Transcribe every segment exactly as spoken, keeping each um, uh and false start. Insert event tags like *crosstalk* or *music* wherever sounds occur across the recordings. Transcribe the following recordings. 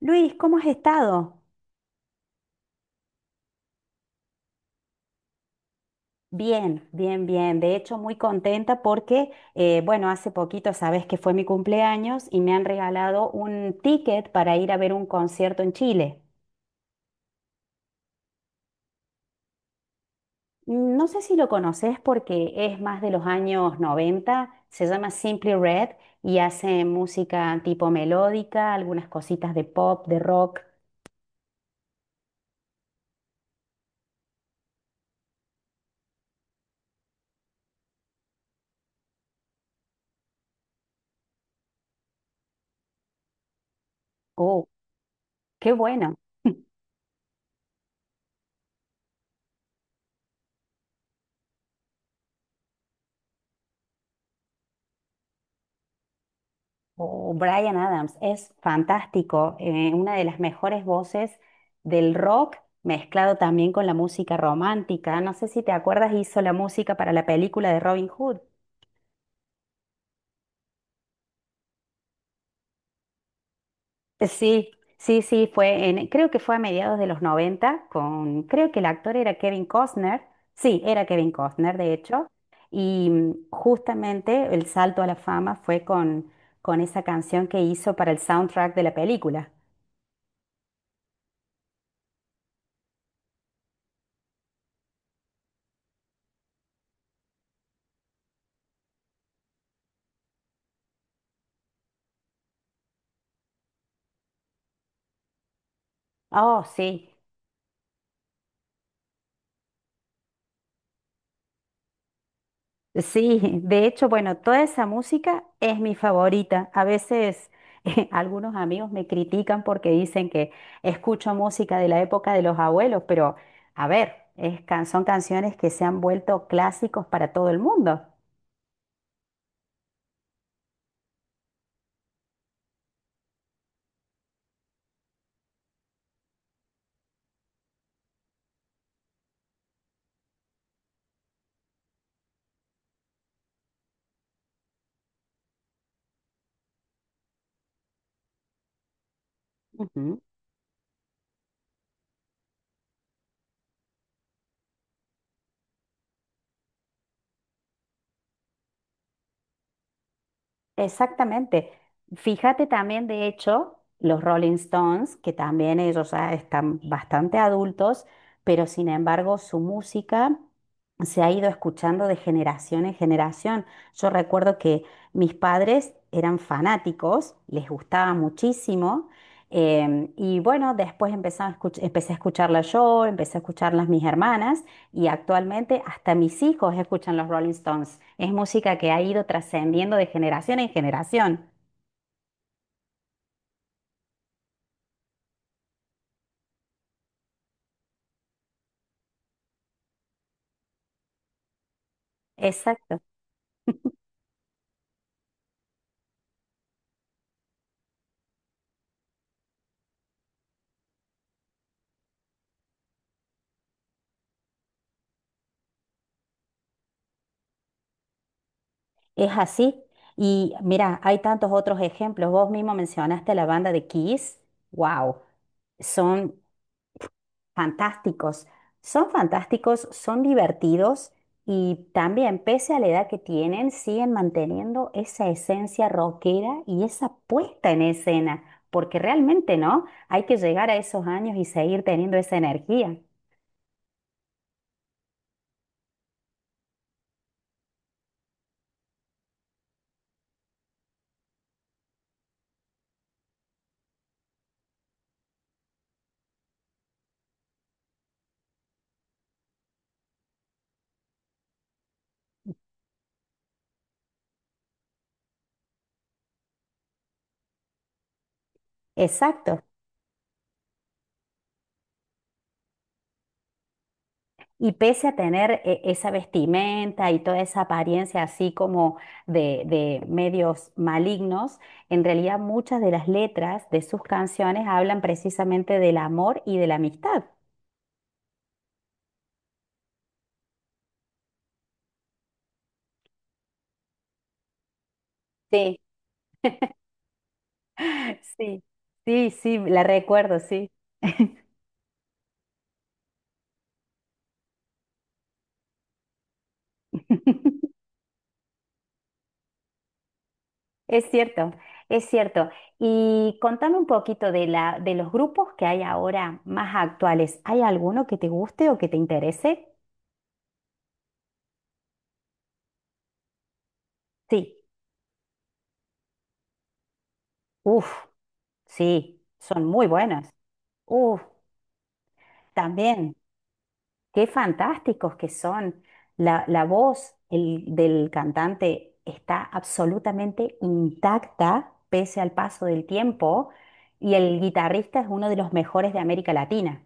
Luis, ¿cómo has estado? Bien, bien, bien. De hecho, muy contenta porque, eh, bueno, hace poquito sabes que fue mi cumpleaños y me han regalado un ticket para ir a ver un concierto en Chile. Mm, No sé si lo conoces porque es más de los años noventa. Se llama Simply Red y hace música tipo melódica, algunas cositas de pop, de rock. ¡Oh, qué bueno! O Bryan Adams es fantástico, eh, una de las mejores voces del rock, mezclado también con la música romántica. No sé si te acuerdas, hizo la música para la película de Robin Hood. Sí, sí, sí, fue en, creo que fue a mediados de los noventa. Con, creo que el actor era Kevin Costner. Sí, era Kevin Costner, de hecho. Y mm, justamente el salto a la fama fue con, con esa canción que hizo para el soundtrack de la película. Oh, sí. Sí, de hecho, bueno, toda esa música es mi favorita. A veces *laughs* algunos amigos me critican porque dicen que escucho música de la época de los abuelos, pero a ver, es can- son canciones que se han vuelto clásicos para todo el mundo. Exactamente. Fíjate también, de hecho, los Rolling Stones, que también ellos ya están bastante adultos, pero sin embargo su música se ha ido escuchando de generación en generación. Yo recuerdo que mis padres eran fanáticos, les gustaba muchísimo. em, y bueno, después empezaba a escuch- empecé a escucharla yo, empecé a escucharlas mis hermanas. Y actualmente hasta mis hijos escuchan los Rolling Stones. Es música que ha ido trascendiendo de generación en generación. Exacto, es así. Y mira, hay tantos otros ejemplos. Vos mismo mencionaste la banda de Kiss. Wow, son fantásticos. Son fantásticos, son divertidos y también, pese a la edad que tienen, siguen manteniendo esa esencia rockera y esa puesta en escena, porque realmente, ¿no? Hay que llegar a esos años y seguir teniendo esa energía. Exacto. Y pese a tener eh, esa vestimenta y toda esa apariencia así como de, de medios malignos, en realidad muchas de las letras de sus canciones hablan precisamente del amor y de la amistad. Sí, sí, sí, la recuerdo, sí. *laughs* Es cierto, es cierto. Y contame un poquito de la, de los grupos que hay ahora más actuales. ¿Hay alguno que te guste o que te interese? Sí. Uf, sí, son muy buenos. Uf, también. Qué fantásticos que son. La, la voz el- del cantante está absolutamente intacta pese al paso del tiempo y el guitarrista es uno de los mejores de América Latina.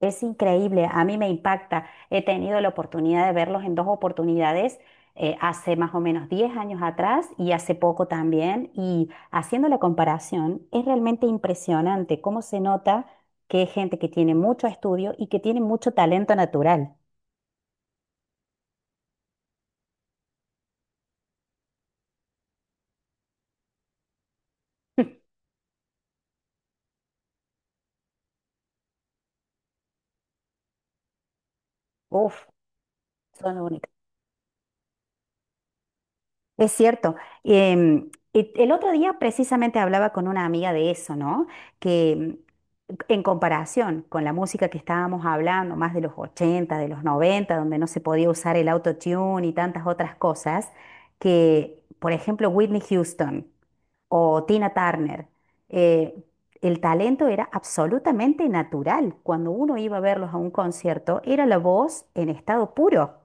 Es increíble, a mí me impacta. He tenido la oportunidad de verlos en dos oportunidades, eh, hace más o menos diez años atrás y hace poco también. Y haciendo la comparación, es realmente impresionante cómo se nota que es gente que tiene mucho estudio y que tiene mucho talento natural. Uf, son únicas. Es cierto. Em, y el otro día precisamente hablaba con una amiga de eso, ¿no? Que em, en comparación con la música que estábamos hablando, más de los ochenta, de los noventa, donde no se podía usar el autotune y tantas otras cosas, que, por ejemplo, Whitney Houston o Tina Turner, eh, el talento era absolutamente natural. Cuando uno iba a verlos a un concierto, era la voz en estado puro.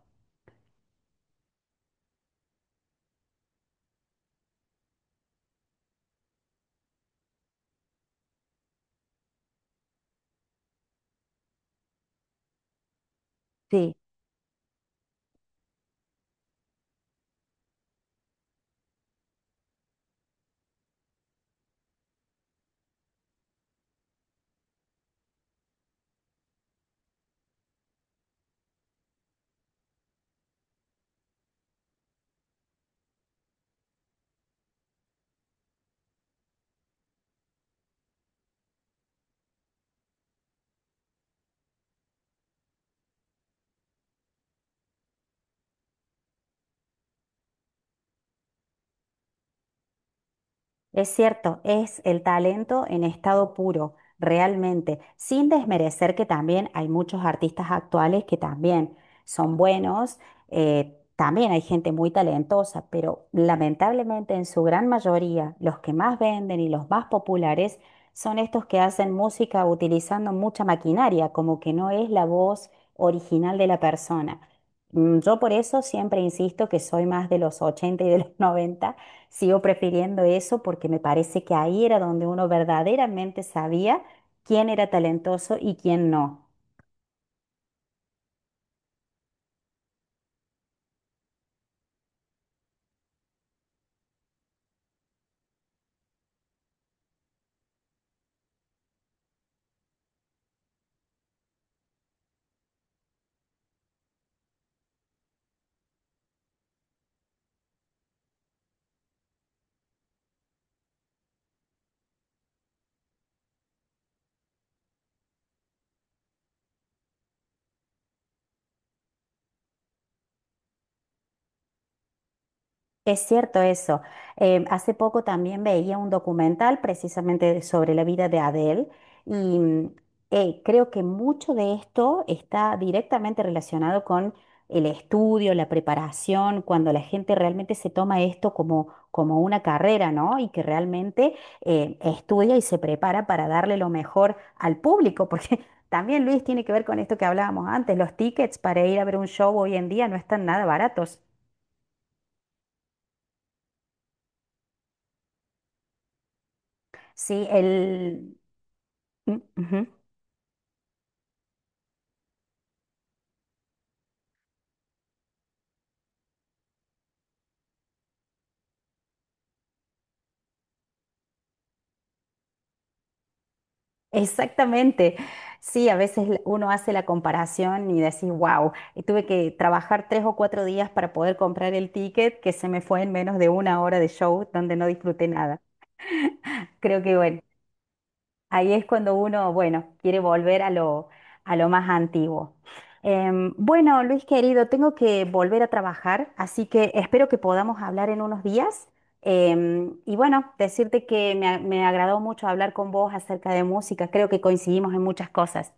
Es cierto, es el talento en estado puro, realmente, sin desmerecer que también hay muchos artistas actuales que también son buenos, eh, también hay gente muy talentosa, pero lamentablemente en su gran mayoría los que más venden y los más populares son estos que hacen música utilizando mucha maquinaria, como que no es la voz original de la persona. Mm, Yo por eso siempre insisto que soy más de los ochenta y de los noventa. Sigo prefiriendo eso porque me parece que ahí era donde uno verdaderamente sabía quién era talentoso y quién no. Es cierto eso. Em, hace poco también veía un documental precisamente sobre la vida de Adele y mm, eh, creo que mucho de esto está directamente relacionado con el estudio, la preparación, cuando la gente realmente se toma esto como, como una carrera, ¿no? Y que realmente eh, estudia y se prepara para darle lo mejor al público, porque *laughs* también Luis tiene que ver con esto que hablábamos antes, los tickets para ir a ver un show hoy en día no están nada baratos. Sí, el, mm, ujú. Exactamente. Sí, a veces la- uno hace la comparación y decís, wow, tuve que trabajar tres o cuatro días para poder comprar el ticket que se me fue en menos de una hora de show donde no disfruté nada. Creo que, bueno, ahí es cuando uno, bueno, quiere volver a lo, a lo, más antiguo. Em, bueno, Luis querido, tengo que volver a trabajar, así que espero que podamos hablar en unos días. Em, y bueno, decirte que me, a- me agradó mucho hablar con vos acerca de música. Creo que coincidimos en muchas cosas.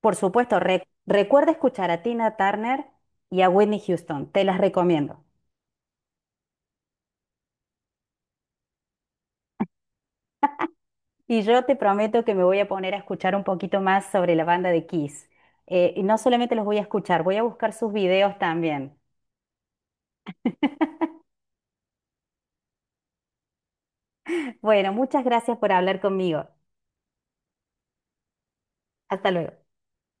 Por supuesto, re- recuerda escuchar a Tina Turner y a Whitney Houston. Te las recomiendo. Y yo te prometo que me voy a poner a escuchar un poquito más sobre la banda de Kiss. Eh, y no solamente los voy a escuchar, voy a buscar sus videos también. Bueno, muchas gracias por hablar conmigo. Hasta luego.